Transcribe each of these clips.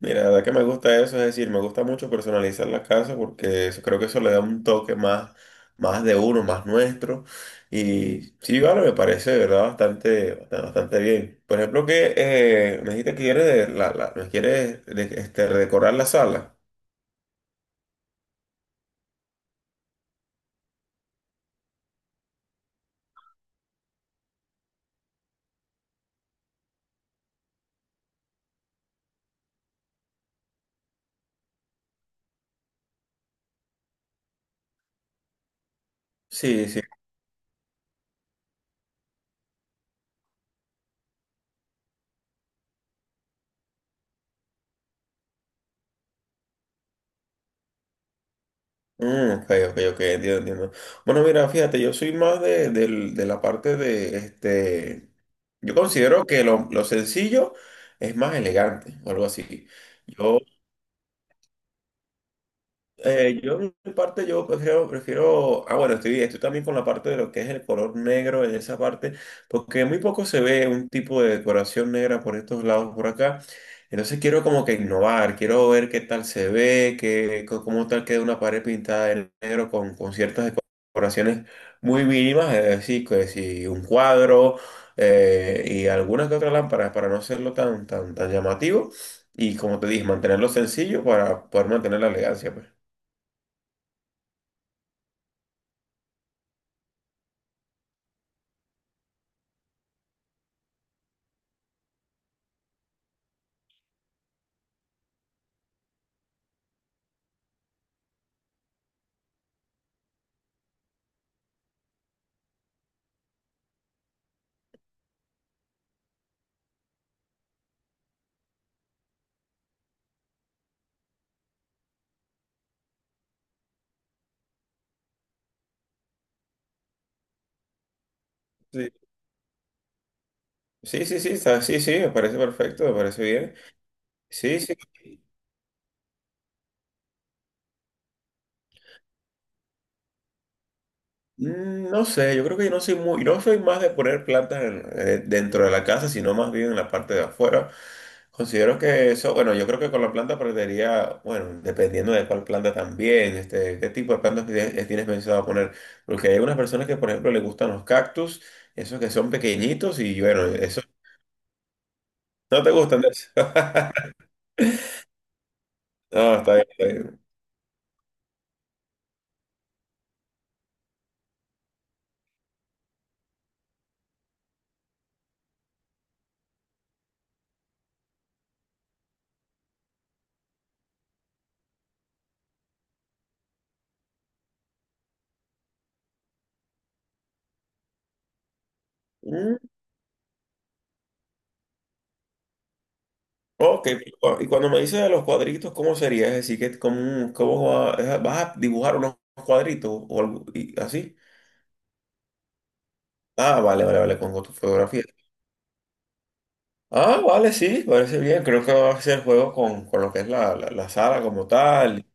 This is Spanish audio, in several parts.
Mira, la verdad que me gusta eso, es decir, me gusta mucho personalizar la casa porque eso, creo que eso le da un toque más, más de uno, más nuestro. Y sí, vale, me parece de verdad bastante, bastante, bastante bien. Por ejemplo, que me dijiste que quieres, me quieres este, redecorar la sala. Sí, sí. Ok, ok, ok, entiendo, entiendo. Bueno, mira, fíjate, yo soy más de, de la parte de este. Yo considero que lo sencillo es más elegante o algo así. Yo yo en mi parte yo prefiero, prefiero, bueno, estoy, estoy también con la parte de lo que es el color negro en esa parte, porque muy poco se ve un tipo de decoración negra por estos lados, por acá. Entonces quiero como que innovar, quiero ver qué tal se ve, qué, cómo tal queda una pared pintada de negro con ciertas decoraciones muy mínimas, es decir, que si un cuadro y algunas que otras lámparas para no hacerlo tan, tan, tan llamativo y como te dije, mantenerlo sencillo para poder mantener la elegancia, pues. Sí, sí, sí, sí, sí, sí, me parece perfecto, me parece bien. Sí, sí. No sé, yo creo que yo no soy muy, no soy más de poner plantas dentro de la casa, sino más bien en la parte de afuera. Considero que eso, bueno, yo creo que con la planta perdería, bueno, dependiendo de cuál planta también, este, qué tipo de plantas tienes tienes pensado poner. Porque hay algunas personas que, por ejemplo, les gustan los cactus, esos que son pequeñitos y bueno, eso, no te gustan de eso. No, está bien, está bien. Ok, y cuando me dices de los cuadritos, ¿cómo sería? Es decir, que cómo, vas a dibujar unos cuadritos o algo y así. Ah, vale, vale, vale, con tu fotografía. Ah, vale, sí, parece bien. Creo que va a ser juego con lo que es la sala como tal.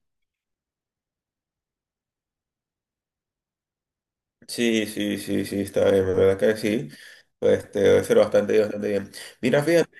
Sí, sí, sí, sí, está bien, la verdad que sí. Pues, este, debe ser bastante, bastante bien. Mira, fíjate.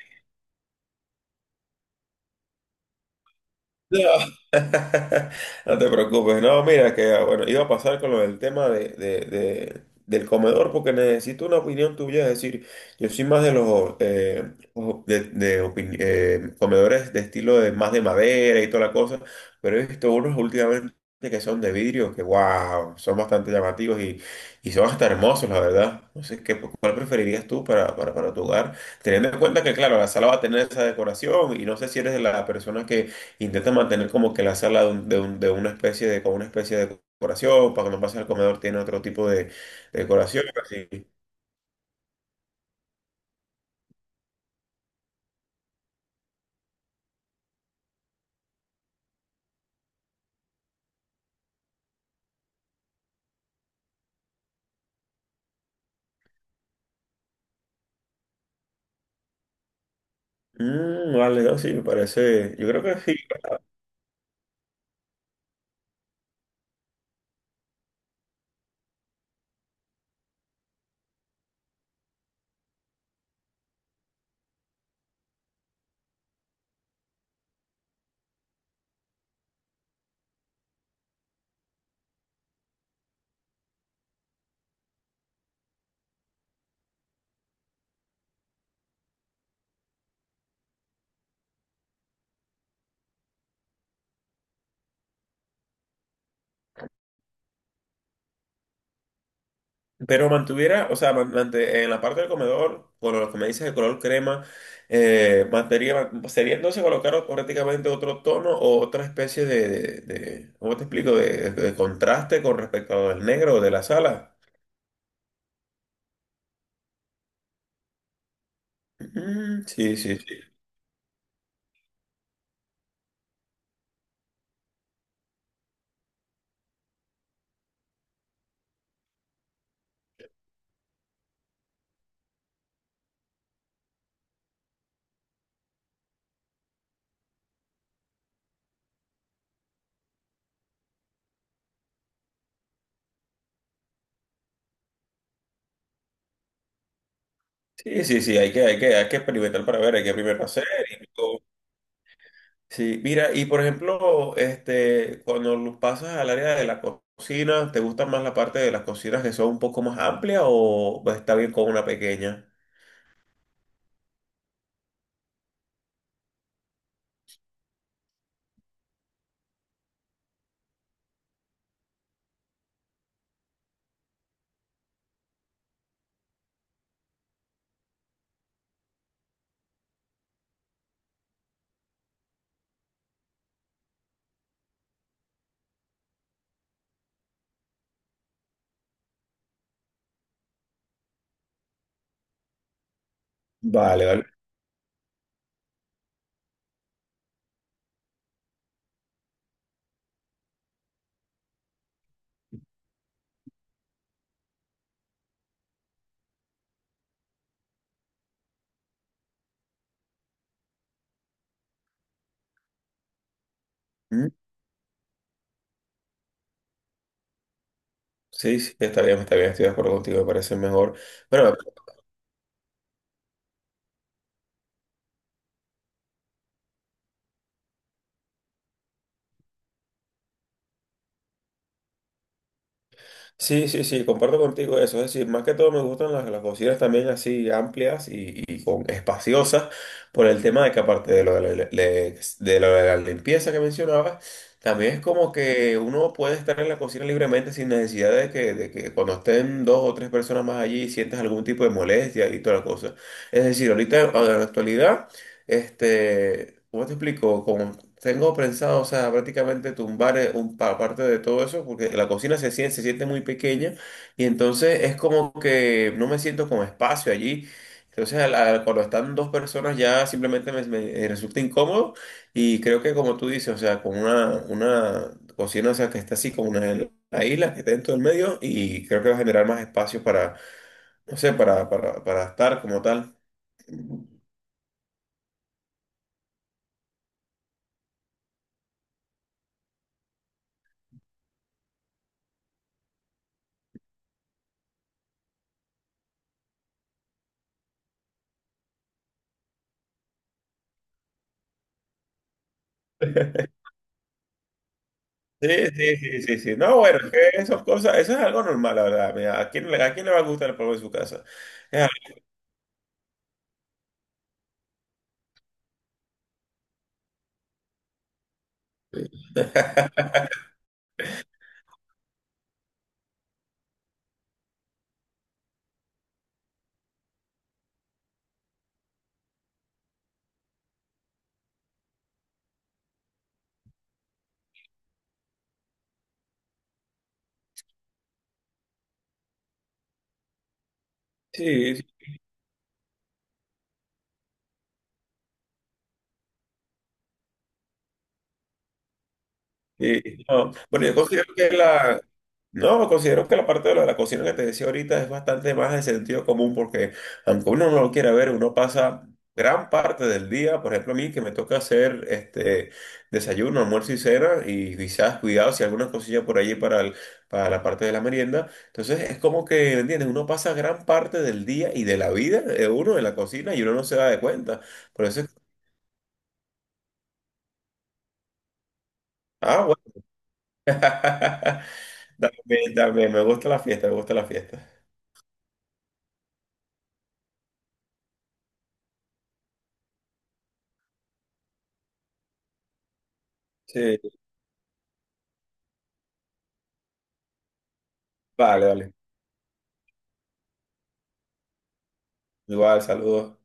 No, no te preocupes, no, mira que bueno, iba a pasar con lo del tema de, del comedor porque necesito una opinión tuya, es decir, yo soy más de los de, comedores de estilo de más de madera y toda la cosa, pero he visto unos últimamente que son de vidrio, que wow, son bastante llamativos y son hasta hermosos, la verdad. No sé, ¿qué, cuál preferirías tú para tu hogar? Teniendo en cuenta que, claro, la sala va a tener esa decoración y no sé si eres de la persona que intenta mantener como que la sala de, de una especie de, con una especie de decoración, para que no pase al comedor, tiene otro tipo de decoración, así. Vale, no, sí, me parece, yo creo que sí. Pero mantuviera, o sea, en la parte del comedor, con lo que me dices de color crema, sería entonces colocar prácticamente otro tono o otra especie de, ¿cómo te explico? De contraste con respecto al negro de la sala. Sí, sí, sí. Sí, sí, sí, hay que, hay que, hay que experimentar para ver, hay que primero hacer. Y sí, mira, y por ejemplo, este, cuando lo pasas al área de la cocina, ¿te gusta más la parte de las cocinas que son un poco más amplias o está bien con una pequeña? Vale, vale. Mm, Sí, sí, está bien, estoy de acuerdo contigo, me parece mejor. Bueno, sí, sí, sí, comparto contigo eso. Es decir, más que todo me gustan las cocinas también así amplias y con, espaciosas por el tema de que aparte de lo de de lo de la limpieza que mencionabas, también es como que uno puede estar en la cocina libremente sin necesidad de que cuando estén dos o tres personas más allí sientas algún tipo de molestia y toda la cosa. Es decir, ahorita en la actualidad... Este, ¿cómo te explico? Como tengo pensado, o sea, prácticamente tumbar parte de todo eso, porque la cocina se siente muy pequeña y entonces es como que no me siento con espacio allí. Entonces, cuando están dos personas ya simplemente me, me, resulta incómodo y creo que como tú dices, o sea, con una cocina, o sea, que está así como una la isla que está dentro del medio y creo que va a generar más espacio para, no sé, para estar como tal. Sí, sí, sí, sí, sí. No, bueno, es que esas cosas, eso es algo normal, la verdad. Mira, ¿a quién, a quién le va a gustar el polvo en su casa? Es algo- Sí, sí, no. Bueno, yo considero que la, no, considero que la parte de lo de la cocina que te decía ahorita es bastante más de sentido común porque aunque uno no lo quiera ver, uno pasa gran parte del día, por ejemplo a mí que me toca hacer este desayuno, almuerzo y cena y quizás cuidado si alguna cosilla por allí para, para la parte de la merienda. Entonces es como que, ¿entiendes? Uno pasa gran parte del día y de la vida de uno en la cocina y uno no se da de cuenta. Por eso ah, bueno. También, también, me gusta la fiesta, me gusta la fiesta. Sí, vale, vale. Igual, saludos.